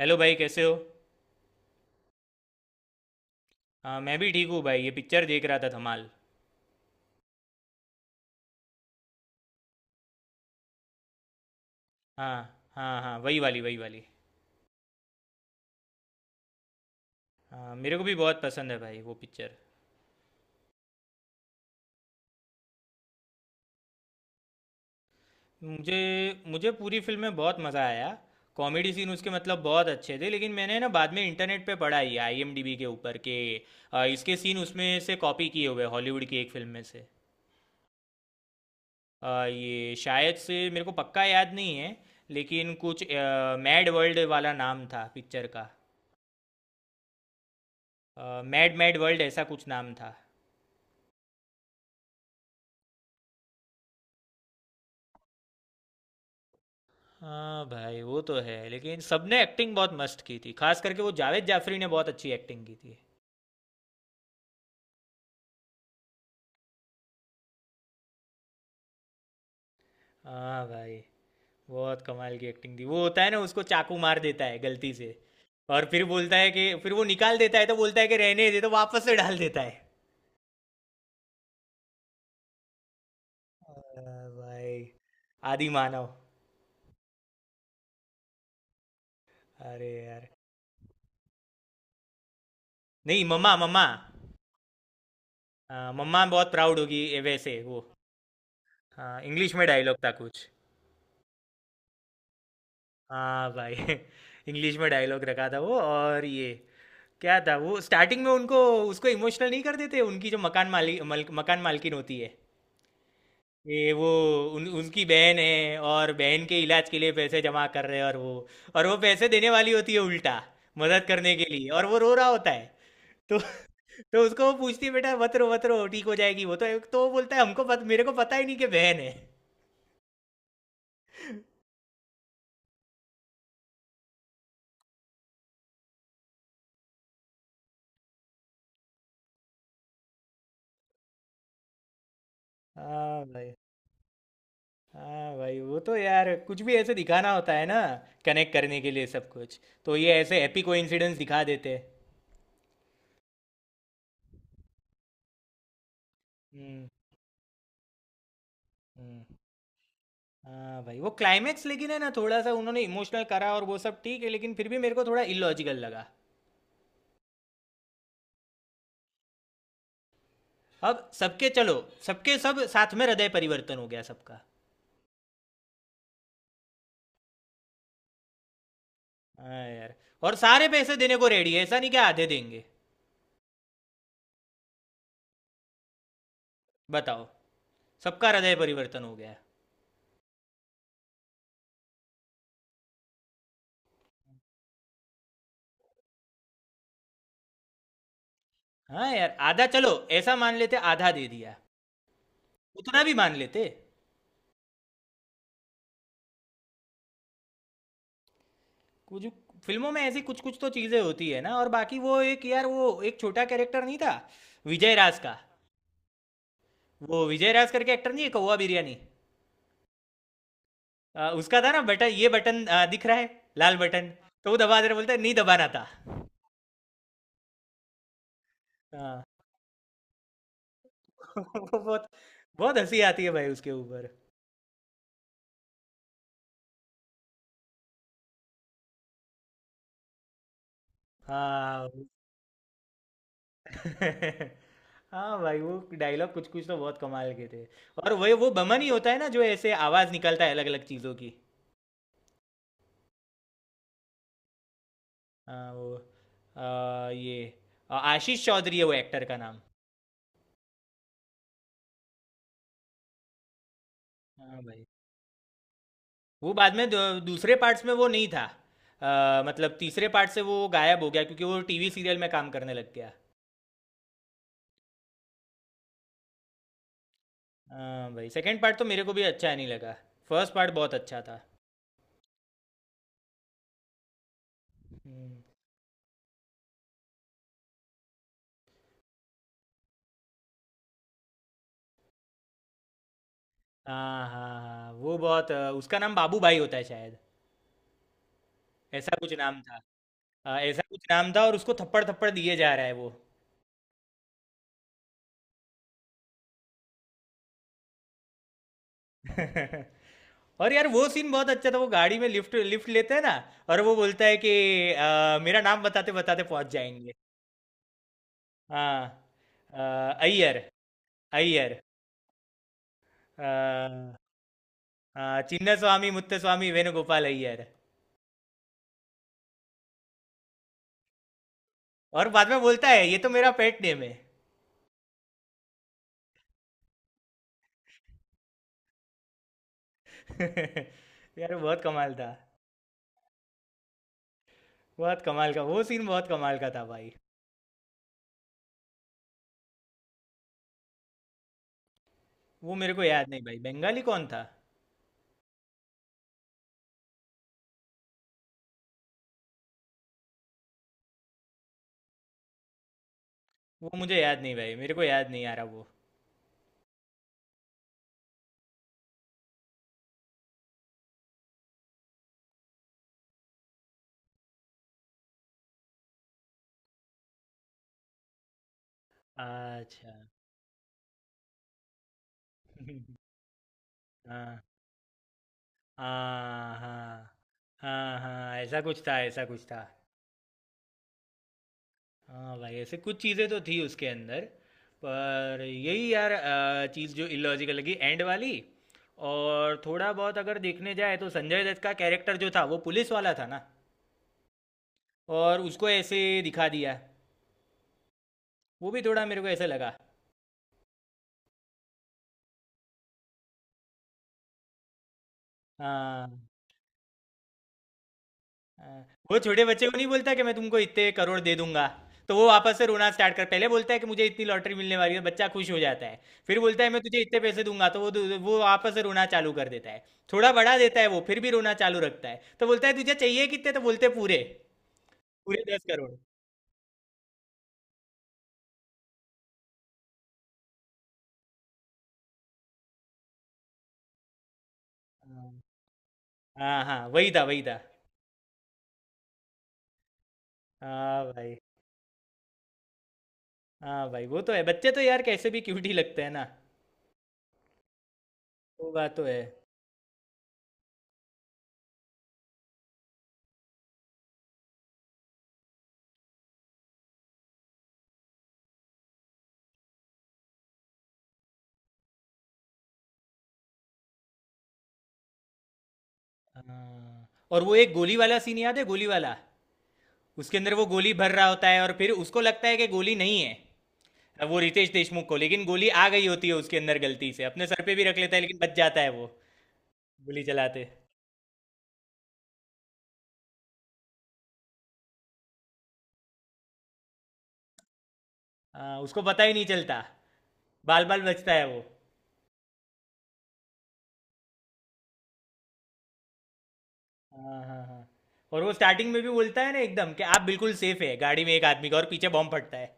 Hello भाई कैसे हो? हाँ, मैं भी ठीक हूँ भाई। ये पिक्चर देख रहा था, धमाल। हाँ, हाँ, हाँ, वही वाली, वही वाली। हाँ, मेरे को भी बहुत पसंद है भाई वो पिक्चर। मुझे मुझे पूरी फिल्म में बहुत मज़ा आया। कॉमेडी सीन उसके मतलब बहुत अच्छे थे, लेकिन मैंने ना बाद में इंटरनेट पे पढ़ा ये आईएमडीबी के ऊपर के, इसके सीन उसमें से कॉपी किए हुए हैं, हॉलीवुड की एक फिल्म में से। ये शायद से मेरे को पक्का याद नहीं है, लेकिन कुछ मैड वर्ल्ड वाला नाम था पिक्चर का। मैड मैड वर्ल्ड, ऐसा कुछ नाम था। हाँ भाई, वो तो है लेकिन सबने एक्टिंग बहुत मस्त की थी, खास करके वो जावेद जाफरी ने बहुत अच्छी एक्टिंग की थी। हाँ भाई। बहुत कमाल की एक्टिंग थी। वो होता है ना, उसको चाकू मार देता है गलती से। और फिर बोलता है कि, फिर वो निकाल देता है तो बोलता है कि रहने दे, तो वापस से डाल देता है। हाँ भाई। आदि मानव। अरे यार। नहीं, मम्मा, मम्मा। हाँ, मम्मा बहुत प्राउड होगी ये वैसे वो। हाँ, इंग्लिश में डायलॉग था कुछ। हाँ भाई इंग्लिश में डायलॉग रखा था वो, और ये क्या था वो स्टार्टिंग में उनको, उसको इमोशनल नहीं कर देते उनकी जो मकान मालिक मकान मालकिन होती है। ये वो उनकी बहन है, और बहन के इलाज के लिए पैसे जमा कर रहे हैं, और वो पैसे देने वाली होती है उल्टा, मदद करने के लिए, और वो रो रहा होता है। तो तो उसको वो पूछती है, बेटा मत रो मत रो ठीक हो जाएगी वो, तो वो बोलता है मेरे को पता ही नहीं कि बहन है। हाँ भाई। हाँ भाई, वो तो यार कुछ भी ऐसे दिखाना होता है ना, कनेक्ट करने के लिए सब कुछ। तो ये ऐसे हैप्पी कोइंसिडेंस दिखा देते। हम्म। हम्म। हाँ भाई, वो क्लाइमैक्स लेकिन है ना, थोड़ा सा उन्होंने इमोशनल करा और वो सब ठीक है, लेकिन फिर भी मेरे को थोड़ा इलॉजिकल लगा। अब सबके चलो, सबके सब साथ में हृदय परिवर्तन हो गया सबका। हाँ यार। और सारे पैसे देने को रेडी है, ऐसा नहीं कि आधे देंगे। बताओ, सबका हृदय परिवर्तन हो गया। हाँ यार, आधा चलो। ऐसा मान लेते आधा दे दिया। उतना भी मान लेते। कुछ फिल्मों में ऐसी कुछ कुछ तो चीजें होती है ना। और बाकी वो एक यार वो एक छोटा कैरेक्टर नहीं था, विजय राज का। वो विजय राज करके एक्टर नहीं है, कौवा बिरयानी। उसका था ना बटन, ये बटन दिख रहा है, लाल बटन। तो वो दबा दे रहा, बोलता है नहीं दबाना था। हाँ वो बहुत, बहुत हंसी आती है भाई उसके ऊपर। हाँ हाँ भाई, वो डायलॉग कुछ कुछ तो बहुत कमाल के थे। और वही वो बमन ही होता है ना, जो ऐसे आवाज निकलता है अलग अलग चीजों की। हाँ वो ये आशीष चौधरी है वो एक्टर का नाम। हाँ भाई, वो बाद में दूसरे पार्ट्स में वो नहीं था। मतलब तीसरे पार्ट से वो गायब हो गया क्योंकि वो टीवी सीरियल में काम करने लग गया। हाँ भाई, सेकंड पार्ट तो मेरे को भी अच्छा नहीं लगा। फर्स्ट पार्ट बहुत अच्छा था। हम्म। हाँ, हाँ, हाँ, वो बहुत उसका नाम बाबू भाई होता है शायद। ऐसा कुछ नाम था। ऐसा कुछ नाम था, और उसको थप्पड़ थप्पड़ दिए जा रहा है वो। और यार वो सीन बहुत अच्छा था, वो गाड़ी में लिफ्ट लिफ्ट लेते हैं ना, और वो बोलता है कि मेरा नाम बताते बताते पहुंच जाएंगे। हाँ, अ, अय्यर, अय्यर। अ, हाँ, चिन्न स्वामी मुत्तस्वामी वेणुगोपाल अय्यर। और बाद में बोलता है ये तो मेरा पेट नेम है। यार बहुत कमाल था। बहुत कमाल का वो सीन, बहुत कमाल का था भाई। वो मेरे को याद नहीं भाई, बंगाली कौन था। वो मुझे याद नहीं भाई, मेरे को याद नहीं आ रहा वो। अच्छा हाँ, हाँ, हाँ, हाँ, हाँ, ऐसा कुछ था, ऐसा कुछ था। हाँ भाई, ऐसे कुछ चीज़ें तो थी उसके अंदर। पर यही यार चीज़ जो इलॉजिकल लगी एंड वाली। और थोड़ा बहुत अगर देखने जाए तो संजय दत्त का कैरेक्टर जो था वो पुलिस वाला था ना, और उसको ऐसे दिखा दिया। वो भी थोड़ा मेरे को ऐसे लगा। हाँ, हाँ, वो छोटे बच्चे को नहीं बोलता कि मैं तुमको इतने करोड़ दे दूंगा। तो वो वापस से रोना स्टार्ट कर, पहले बोलता है कि मुझे इतनी लॉटरी मिलने वाली है, बच्चा खुश हो जाता है। फिर बोलता है मैं तुझे इतने पैसे दूंगा, तो वो वो वापस से रोना चालू कर देता है। थोड़ा बढ़ा देता है, वो फिर भी रोना चालू रखता है, तो बोलता है तुझे चाहिए कितने? तो बोलते हैं पूरे, पूरे 10 करोड़। हाँ, हाँ, हाँ, वही था, वही था। हाँ भाई। हाँ भाई, वो तो है, बच्चे तो यार कैसे भी क्यूट ही लगते हैं ना। वो बात तो है। हाँ, और वो एक गोली वाला सीन याद है, गोली वाला। उसके अंदर वो गोली भर रहा होता है, और फिर उसको लगता है कि गोली नहीं है। वो रितेश देशमुख को, लेकिन गोली आ गई होती है उसके अंदर गलती से, अपने सर पे भी रख लेता है लेकिन बच जाता है वो, गोली चलाते। हाँ, उसको पता ही नहीं चलता। बाल बाल बचता है वो। हाँ, हाँ, हाँ, और वो स्टार्टिंग में भी बोलता है ना एकदम कि आप बिल्कुल सेफ है गाड़ी में एक आदमी का, और पीछे बॉम्ब फटता है।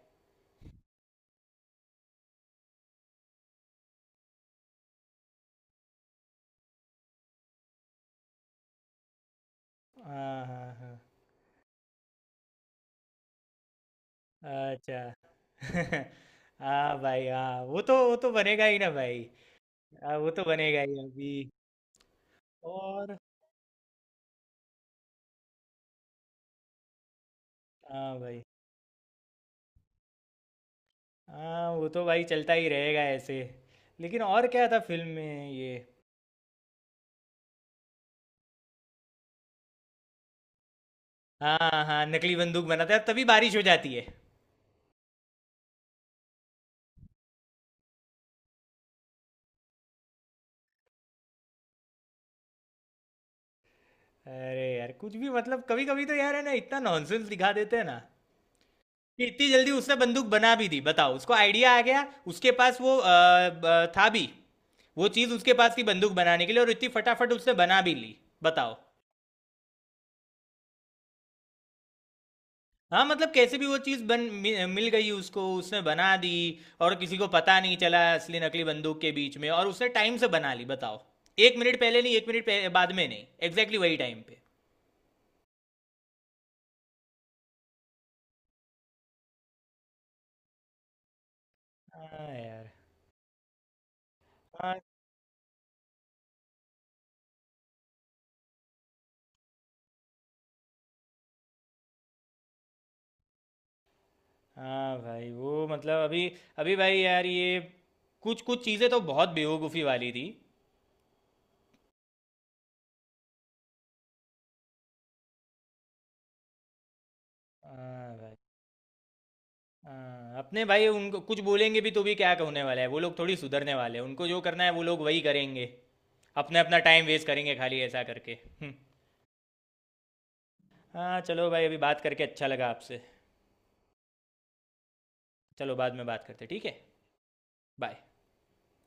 हाँ, हाँ, हाँ, अच्छा हाँ भाई, हाँ वो तो बनेगा ही ना भाई। हाँ, वो तो बनेगा ही अभी। और हाँ भाई, हाँ वो तो भाई चलता ही रहेगा ऐसे। लेकिन और क्या था फिल्म में ये? हाँ, हाँ, नकली बंदूक बनाता है तभी बारिश हो जाती है। अरे यार कुछ भी मतलब, कभी कभी तो यार है ना इतना नॉनसेंस दिखा देते हैं ना, कि इतनी जल्दी उसने बंदूक बना भी दी, बताओ उसको आइडिया आ गया। उसके पास वो था भी, वो चीज़ उसके पास थी बंदूक बनाने के लिए, और इतनी फटाफट उसने बना भी ली, बताओ। हाँ, मतलब कैसे भी वो चीज़ बन मि मिल गई उसको, उसने बना दी। और किसी को पता नहीं चला असली नकली बंदूक के बीच में, और उसने टाइम से बना ली बताओ। 1 मिनट पहले नहीं, 1 मिनट पह बाद में नहीं, एग्ज़ैक्टली वही टाइम पे। हाँ यार। हाँ, हाँ भाई, वो मतलब अभी, अभी भाई यार ये कुछ-कुछ चीज़ें तो बहुत बेवकूफ़ी वाली थी। हाँ भाई, हाँ अपने भाई उनको कुछ बोलेंगे भी तो भी क्या होने वाला है, वो लोग थोड़ी सुधरने वाले हैं, उनको जो करना है वो लोग वही करेंगे। अपना-अपना टाइम वेस्ट करेंगे खाली ऐसा करके। हम्म। हाँ चलो भाई, अभी बात करके अच्छा लगा आपसे। चलो बाद में बात करते हैं, ठीक है, बाय।